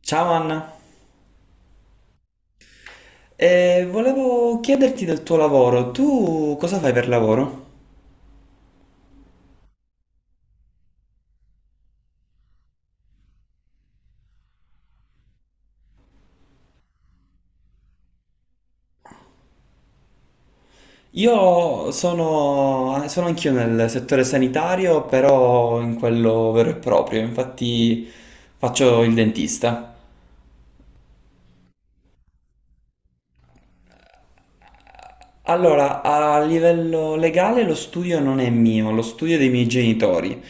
Ciao Anna, Volevo chiederti del tuo lavoro. Tu cosa fai per lavoro? Io sono anch'io nel settore sanitario, però in quello vero e proprio, infatti faccio il dentista. Allora, a livello legale lo studio non è mio, lo studio è dei miei genitori.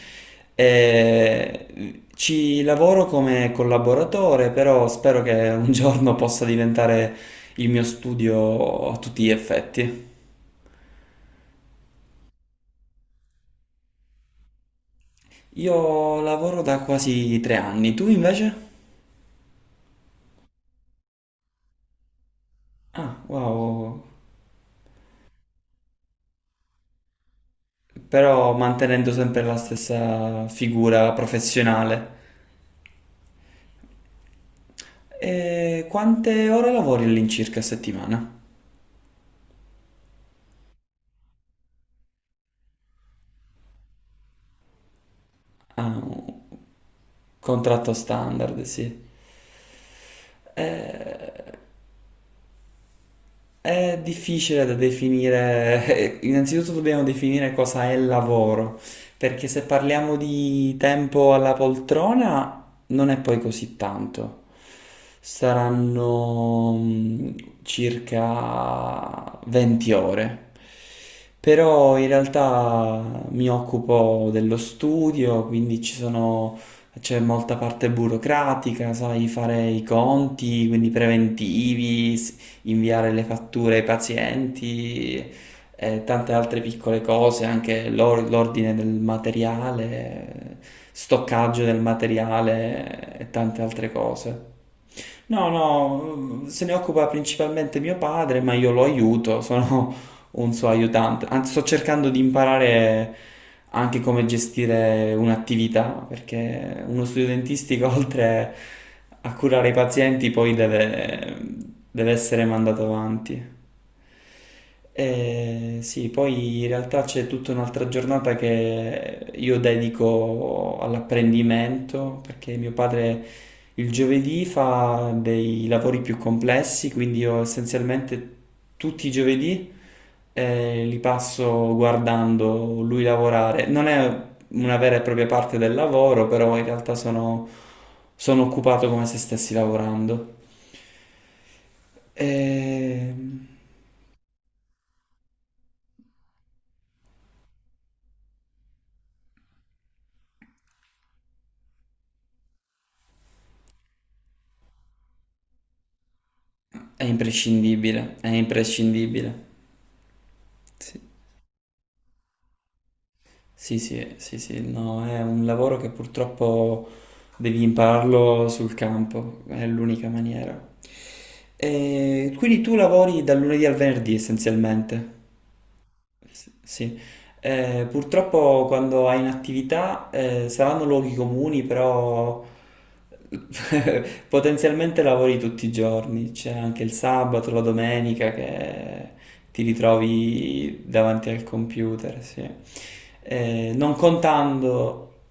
Eh, ci lavoro come collaboratore, però spero che un giorno possa diventare il mio studio a tutti gli effetti. Io lavoro da quasi tre anni, tu invece? Ah, wow, però mantenendo sempre la stessa figura professionale. E quante ore lavori all'incirca a settimana? Ah, un contratto standard, sì. Eh, È difficile da definire, innanzitutto dobbiamo definire cosa è lavoro, perché se parliamo di tempo alla poltrona non è poi così tanto, saranno circa 20 ore, però in realtà mi occupo dello studio, quindi ci sono. C'è molta parte burocratica, sai, fare i conti, quindi preventivi, inviare le fatture ai pazienti e tante altre piccole cose, anche l'ordine del materiale, stoccaggio del materiale e tante altre cose. No, no, se ne occupa principalmente mio padre, ma io lo aiuto, sono un suo aiutante. Anzi, sto cercando di imparare anche come gestire un'attività, perché uno studio dentistico, oltre a curare i pazienti, poi deve essere mandato avanti. E sì, poi in realtà c'è tutta un'altra giornata che io dedico all'apprendimento, perché mio padre il giovedì fa dei lavori più complessi, quindi io essenzialmente tutti i giovedì e li passo guardando lui lavorare. Non è una vera e propria parte del lavoro, però in realtà sono occupato come se stessi lavorando. E- È imprescindibile, è imprescindibile. Sì, sì, sì, sì, sì, no, è un lavoro che purtroppo devi impararlo sul campo, è l'unica maniera. E quindi tu lavori dal lunedì al venerdì essenzialmente. Sì, purtroppo quando hai in attività saranno luoghi comuni, però potenzialmente lavori tutti i giorni, c'è anche il sabato, la domenica che ti ritrovi davanti al computer, sì. Non contando.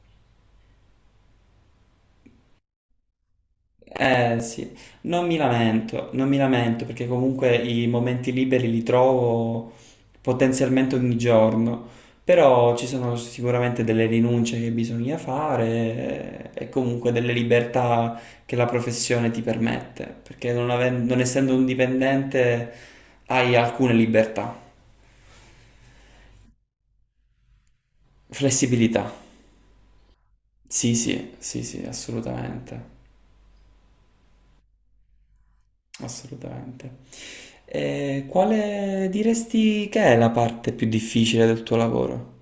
Eh sì, non mi lamento, non mi lamento perché comunque i momenti liberi li trovo potenzialmente ogni giorno, però ci sono sicuramente delle rinunce che bisogna fare e comunque delle libertà che la professione ti permette, perché non, non essendo un dipendente hai alcune libertà, flessibilità. Sì, sì, sì, sì, assolutamente, assolutamente. E quale diresti che è la parte più difficile del tuo lavoro?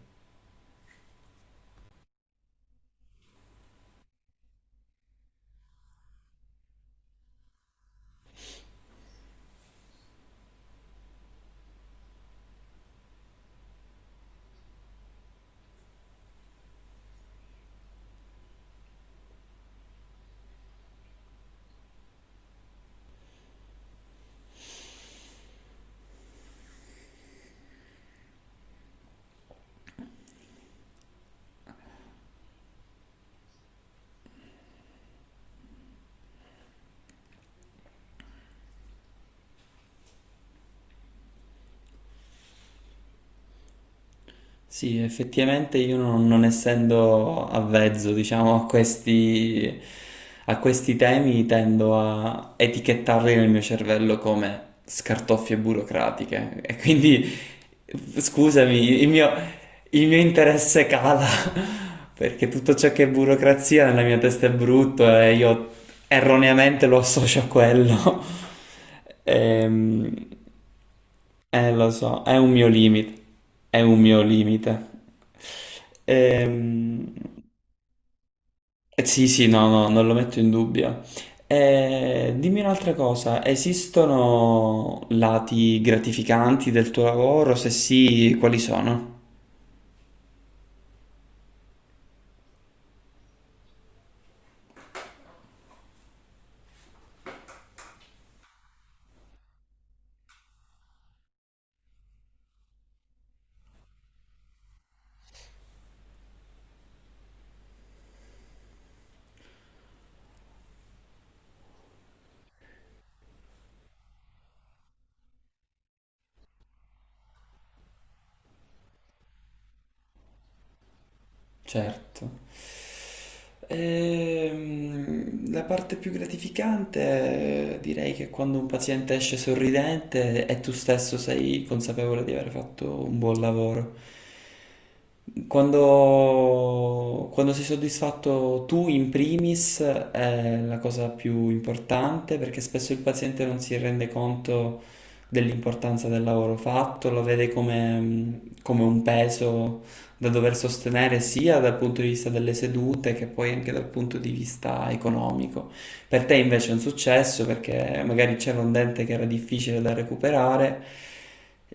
Sì, effettivamente io non essendo avvezzo, diciamo, a questi, temi, tendo a etichettarli nel mio cervello come scartoffie burocratiche. E quindi, scusami, il mio interesse cala, perché tutto ciò che è burocrazia nella mia testa è brutto e io erroneamente lo associo a quello. Ehm, lo so, è un mio limite, è un mio limite. Ehm, sì, sì, no, no, non lo metto in dubbio. Dimmi un'altra cosa, esistono lati gratificanti del tuo lavoro? Se sì, quali sono? Certo. La parte più gratificante direi che è quando un paziente esce sorridente e tu stesso sei consapevole di aver fatto un buon lavoro. Quando sei soddisfatto tu in primis è la cosa più importante, perché spesso il paziente non si rende conto dell'importanza del lavoro fatto, lo vede come, un peso da dover sostenere sia dal punto di vista delle sedute che poi anche dal punto di vista economico. Per te invece è un successo perché magari c'era un dente che era difficile da recuperare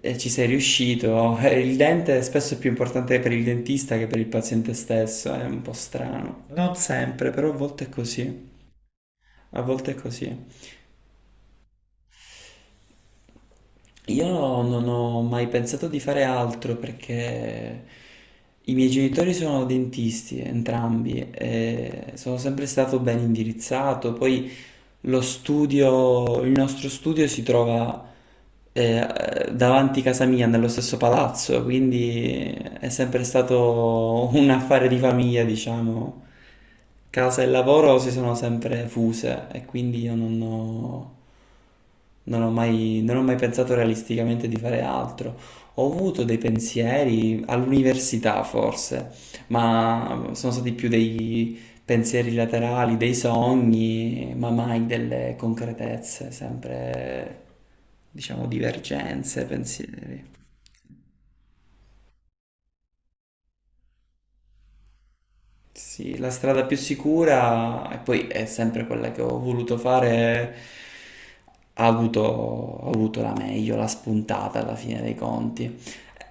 e ci sei riuscito. Il dente spesso è più importante per il dentista che per il paziente stesso, è un po' strano. Non sempre, però a volte è così. A volte è così. Io non ho mai pensato di fare altro perché i miei genitori sono dentisti, entrambi, e sono sempre stato ben indirizzato. Poi lo studio, il nostro studio si trova davanti casa mia, nello stesso palazzo, quindi è sempre stato un affare di famiglia, diciamo. Casa e lavoro si sono sempre fuse e quindi io non ho, non ho mai, non ho mai pensato realisticamente di fare altro. Ho avuto dei pensieri all'università forse, ma sono stati più dei pensieri laterali, dei sogni, ma mai delle concretezze, sempre diciamo divergenze, pensieri. Sì, la strada più sicura, e poi è sempre quella che ho voluto fare, ha avuto la meglio, la spuntata alla fine dei conti.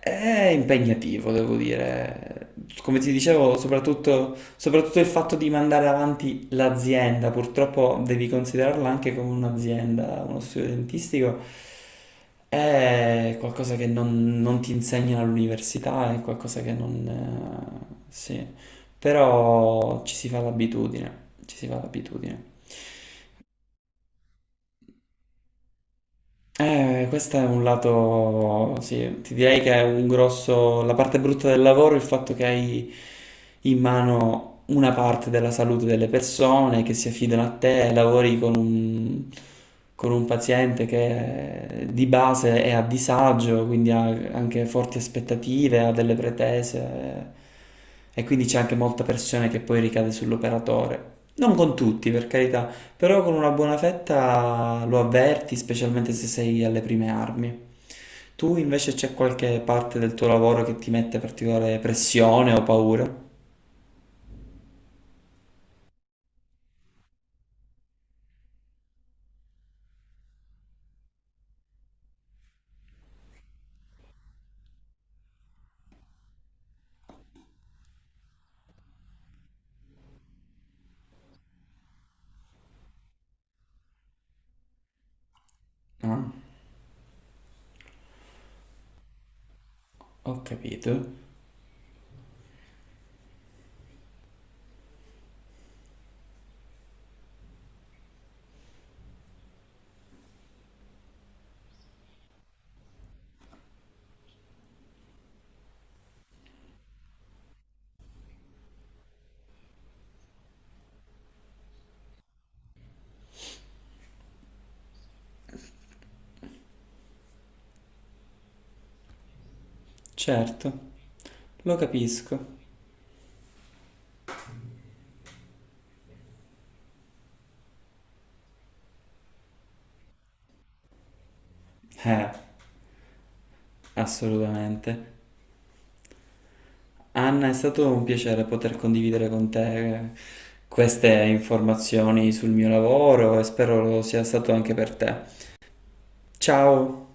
È impegnativo, devo dire. Come ti dicevo, soprattutto il fatto di mandare avanti l'azienda, purtroppo devi considerarla anche come un'azienda, uno studio dentistico, è qualcosa che non ti insegnano all'università, è qualcosa che non... sì. Però ci si fa l'abitudine, ci si fa l'abitudine. Questo è un lato, sì, ti direi che è un grosso, la parte brutta del lavoro è il fatto che hai in mano una parte della salute delle persone che si affidano a te, lavori con un, paziente che di base è a disagio, quindi ha anche forti aspettative, ha delle pretese, e quindi c'è anche molta pressione che poi ricade sull'operatore. Non con tutti, per carità. Però con una buona fetta lo avverti, specialmente se sei alle prime armi. Tu invece c'è qualche parte del tuo lavoro che ti mette particolare pressione o paura? Ah, ho capito. Certo, lo capisco. Eh, assolutamente. Anna, è stato un piacere poter condividere con te queste informazioni sul mio lavoro e spero lo sia stato anche per te. Ciao!